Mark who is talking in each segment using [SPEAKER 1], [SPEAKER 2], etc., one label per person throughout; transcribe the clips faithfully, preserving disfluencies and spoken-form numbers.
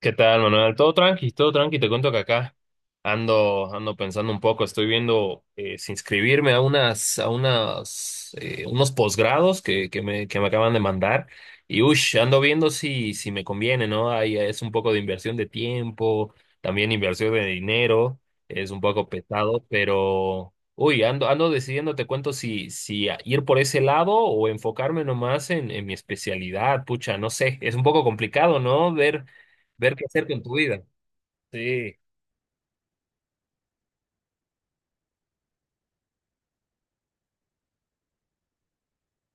[SPEAKER 1] ¿Qué tal, Manuel? Todo tranqui, todo tranqui. Te cuento que acá ando, ando pensando un poco. Estoy viendo eh, si inscribirme a unas, a unas, eh, unos posgrados que, que me, que me acaban de mandar. Y ush, ando viendo si, si me conviene, ¿no? Ahí es un poco de inversión de tiempo, también inversión de dinero. Es un poco pesado, pero uy, ando, ando decidiendo. Te cuento si, si a- ir por ese lado o enfocarme nomás en, en mi especialidad. Pucha, no sé. Es un poco complicado, ¿no? Ver ver qué hacer con tu vida. Sí.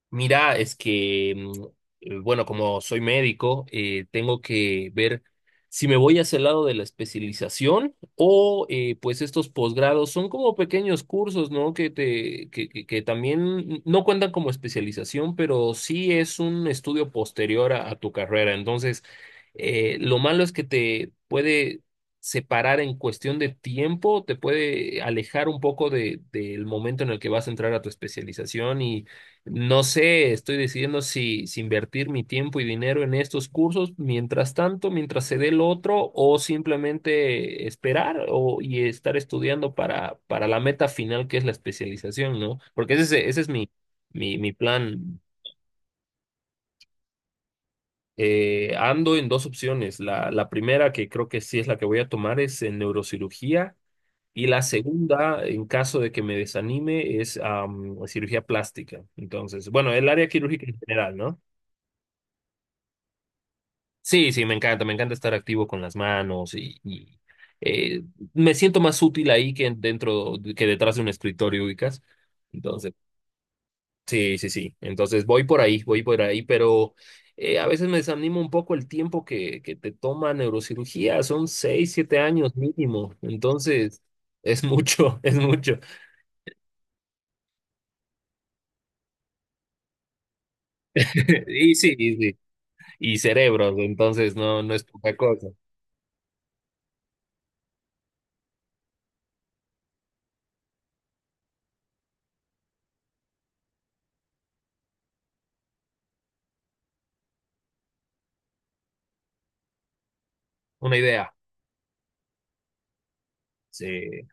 [SPEAKER 1] Mira, es que, mm, eh, bueno, como soy médico, eh, tengo que ver si me voy hacia el lado de la especialización o eh, pues estos posgrados son como pequeños cursos, ¿no? Que te, que, que, que también no cuentan como especialización, pero sí es un estudio posterior a, a tu carrera. Entonces, eh, lo malo es que te puede separar en cuestión de tiempo, te puede alejar un poco de, del momento en el que vas a entrar a tu especialización y no sé, estoy decidiendo si, si invertir mi tiempo y dinero en estos cursos mientras tanto, mientras se dé el otro, o simplemente esperar o, y estar estudiando para, para la meta final que es la especialización, ¿no? Porque ese, es- ese es mi, mi, mi plan. Eh, ando en dos opciones. La, la primera, que creo que sí es la que voy a tomar, es en neurocirugía. Y la segunda, en caso de que me desanime, es am, cirugía plástica. Entonces, bueno, el área quirúrgica en general, ¿no? Sí, sí, me encanta, me encanta estar activo con las manos y, y, eh, me siento más útil ahí que dentro, que detrás de un escritorio, ubicas. Entonces, sí, sí, sí. Entonces voy por ahí, voy por ahí, pero eh, a veces me desanima un poco el tiempo que, que te toma neurocirugía. Son seis, siete años mínimo. Entonces, es mucho, es mucho. Y sí, y sí. Y cerebros, entonces no, no es poca cosa. Una idea. Sí,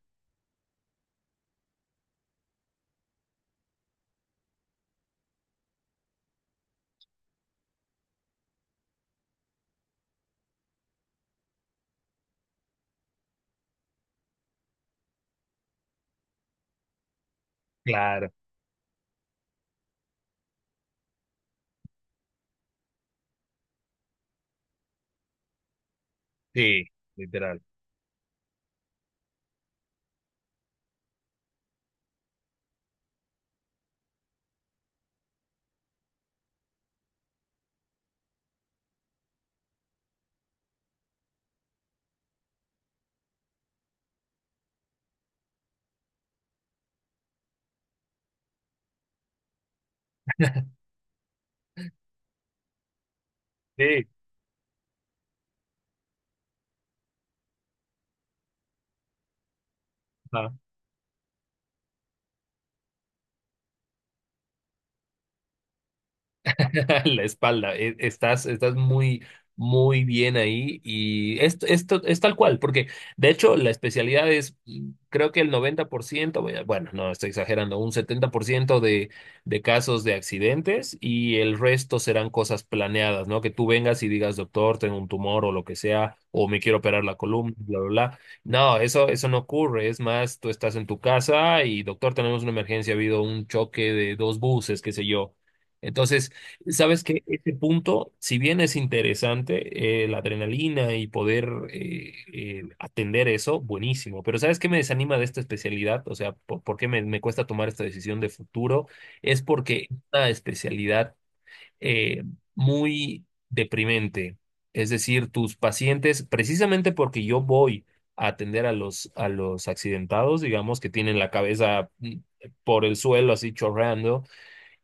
[SPEAKER 1] claro. Sí, literal. Sí. La espalda. E- Estás, estás muy, muy bien ahí y esto, esto es tal cual, porque de hecho la especialidad es, mm, creo que el noventa por ciento, voy a- bueno, no estoy exagerando, un setenta por ciento de, de casos de accidentes y el resto serán cosas planeadas, ¿no? Que tú vengas y digas, doctor, tengo un tumor o lo que sea, o me quiero operar la columna, bla, bla, bla. No, eso, eso no ocurre. Es más, tú estás en tu casa y, doctor, tenemos una emergencia, ha habido un choque de dos buses, qué sé yo. Entonces, sabes que ese punto, si bien es interesante, eh, la adrenalina y poder eh, eh, atender eso, buenísimo. Pero ¿sabes qué me desanima de esta especialidad? O sea, ¿por, por qué me, me cuesta tomar esta decisión de futuro? Es porque es una especialidad eh, muy deprimente. Es decir, tus pacientes, precisamente porque yo voy a atender a los, a los accidentados, digamos, que tienen la cabeza mm, por el suelo así chorreando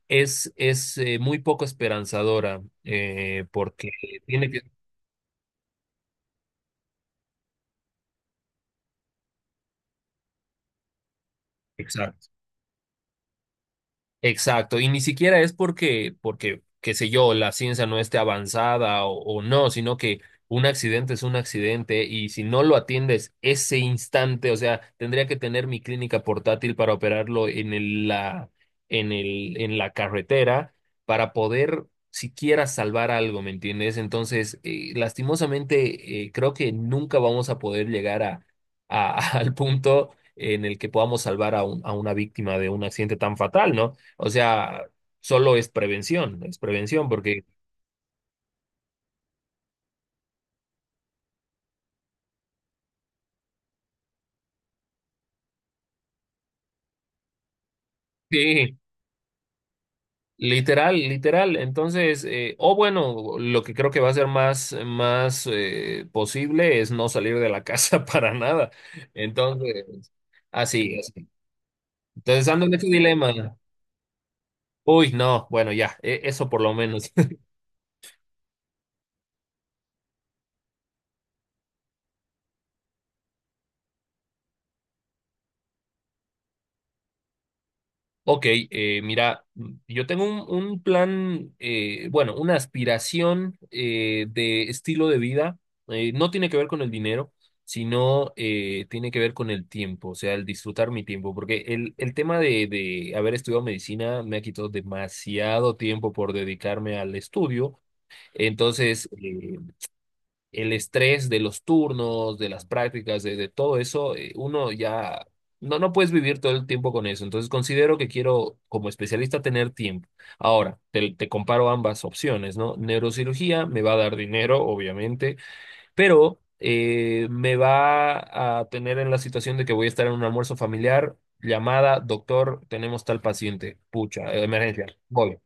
[SPEAKER 1] es, es eh, muy poco esperanzadora eh, porque tiene que... Exacto. Exacto, y ni siquiera es porque, porque, qué sé yo, la ciencia no esté avanzada o, o no, sino que un accidente es un accidente y si no lo atiendes ese instante, o sea, tendría que tener mi clínica portátil para operarlo en el, la, en el, en la carretera para poder siquiera salvar algo, ¿me entiendes? Entonces, eh, lastimosamente, eh, creo que nunca vamos a poder llegar a, a- al punto en el que podamos salvar a, un- a una víctima de un accidente tan fatal, ¿no? O sea, solo es prevención, es prevención, porque sí, literal, literal. Entonces, eh, o bueno, lo que creo que va a ser más, más eh, posible es no salir de la casa para nada. Entonces, así, así. Entonces ando en este dilema. Uy, no, bueno, ya, e- eso por lo menos. Ok, eh, mira, mm, yo tengo un, un plan, eh, bueno, una aspiración eh, de estilo de vida. Eh, no tiene que ver con el dinero, sino eh, tiene que ver con el tiempo, o sea, el disfrutar mi tiempo, porque el, el tema de, de haber estudiado medicina me ha quitado demasiado tiempo por dedicarme al estudio. Entonces, eh, el estrés de los turnos, de las prácticas, de, de todo eso, eh, uno ya no, no puedes vivir todo el tiempo con eso. Entonces considero que quiero como especialista tener tiempo. Ahora, te, te comparo ambas opciones, ¿no? Neurocirugía me va a dar dinero, obviamente, pero eh, me va a tener en la situación de que voy a estar en un almuerzo familiar. Llamada, doctor, tenemos tal paciente. Pucha, eh, emergencia. Voy.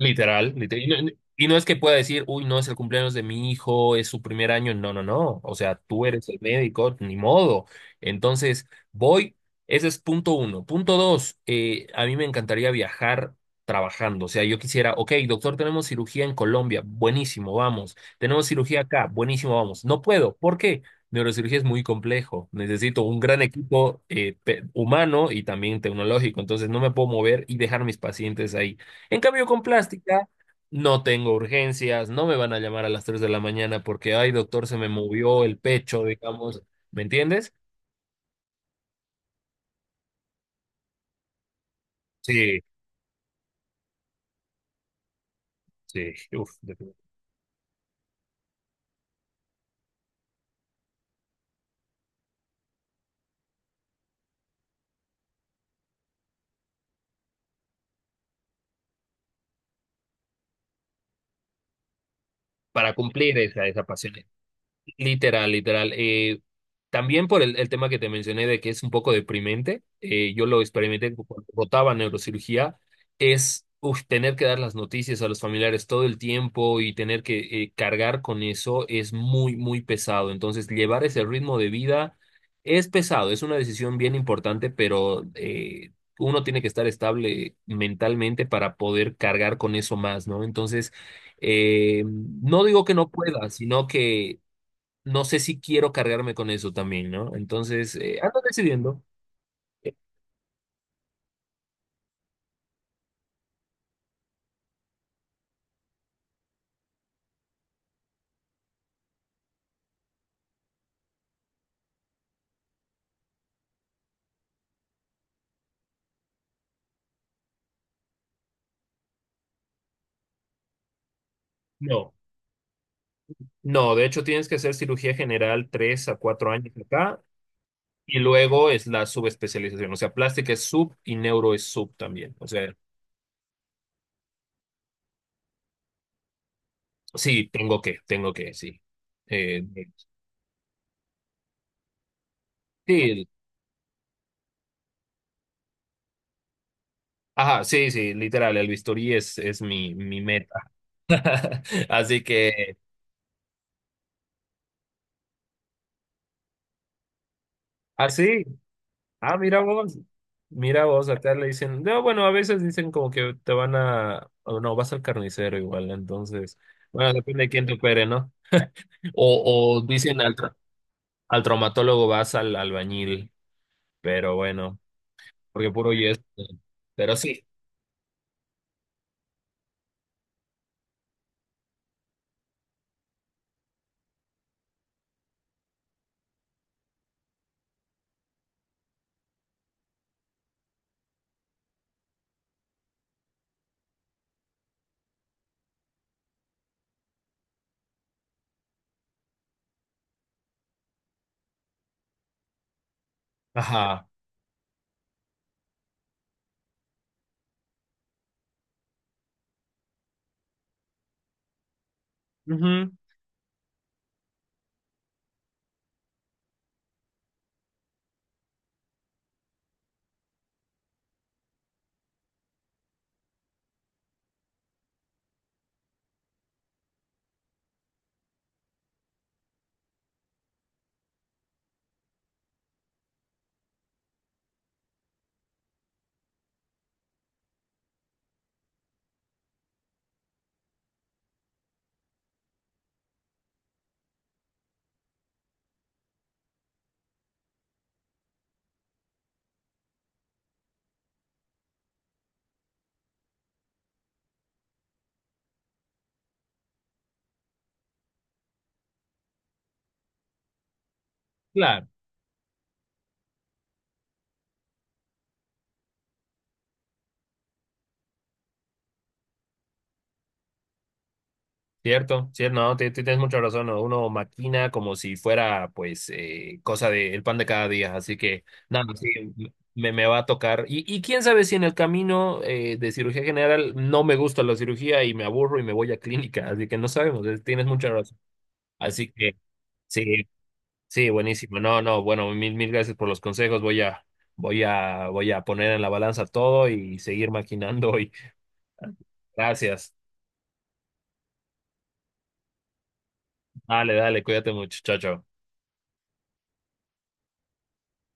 [SPEAKER 1] Literal, literal. Y no, no, y no es que pueda decir, uy, no es el cumpleaños de mi hijo, es su primer año. No, no, no. O sea, tú eres el médico, ni modo. Entonces, voy. Ese es punto uno. Punto dos, eh, a mí me encantaría viajar trabajando. O sea, yo quisiera, ok, doctor, tenemos cirugía en Colombia. Buenísimo, vamos. Tenemos cirugía acá. Buenísimo, vamos. No puedo. ¿Por qué? Neurocirugía es muy complejo. Necesito un gran equipo eh, pe- humano y también tecnológico. Entonces, no me puedo mover y dejar mis pacientes ahí. En cambio, con plástica no tengo urgencias, no me van a llamar a las tres de la mañana porque, ay, doctor, se me movió el pecho, digamos. ¿Me entiendes? Sí, sí, uf, definitivamente. Para cumplir esa, esa pasión. Literal, literal. Eh, también por el, el tema que te mencioné de que es un poco deprimente, eh, yo lo experimenté cu- cuando votaba neurocirugía, es uf, tener que dar las noticias a los familiares todo el tiempo y tener que eh, cargar con eso es muy, muy pesado. Entonces, llevar ese ritmo de vida es pesado, es una decisión bien importante, pero eh, uno tiene que estar estable mentalmente para poder cargar con eso más, ¿no? Entonces, eh, no digo que no pueda, sino que no sé si quiero cargarme con eso también, ¿no? Entonces, eh, ando decidiendo. No. No, de hecho tienes que hacer cirugía general tres a cuatro años acá y luego es la subespecialización. O sea, plástica es sub y neuro es sub también. O sea, sí, tengo que, tengo que, sí. Eh, sí, ajá, sí, sí, literal, el bisturí es, es mi, mi meta. Así que, así. Ah, mira vos, mira vos, acá le dicen, no, bueno, a veces dicen como que te van a, o no, vas al carnicero igual, entonces, bueno, depende de quién te opere, ¿no? O, o dicen al, tra- al traumatólogo vas al albañil, pero bueno, porque puro yeso, pero sí, ajá, ujú, claro. Cierto, cierto, no, te- te- tienes mucha razón, ¿no? Uno maquina como si fuera, pues, eh, cosa de el pan de cada día, así que, nada, sí, me, me va a tocar. Y, y quién sabe si en el camino eh, de cirugía general no me gusta la cirugía y me aburro y me voy a clínica, así que no sabemos, eh, tienes mucha razón. Así que, sí, sí, buenísimo. No, no, bueno, mil, mil gracias por los consejos, voy a, voy a, voy a poner en la balanza todo y seguir maquinando hoy. Gracias. Dale, dale, cuídate mucho, chao, chao.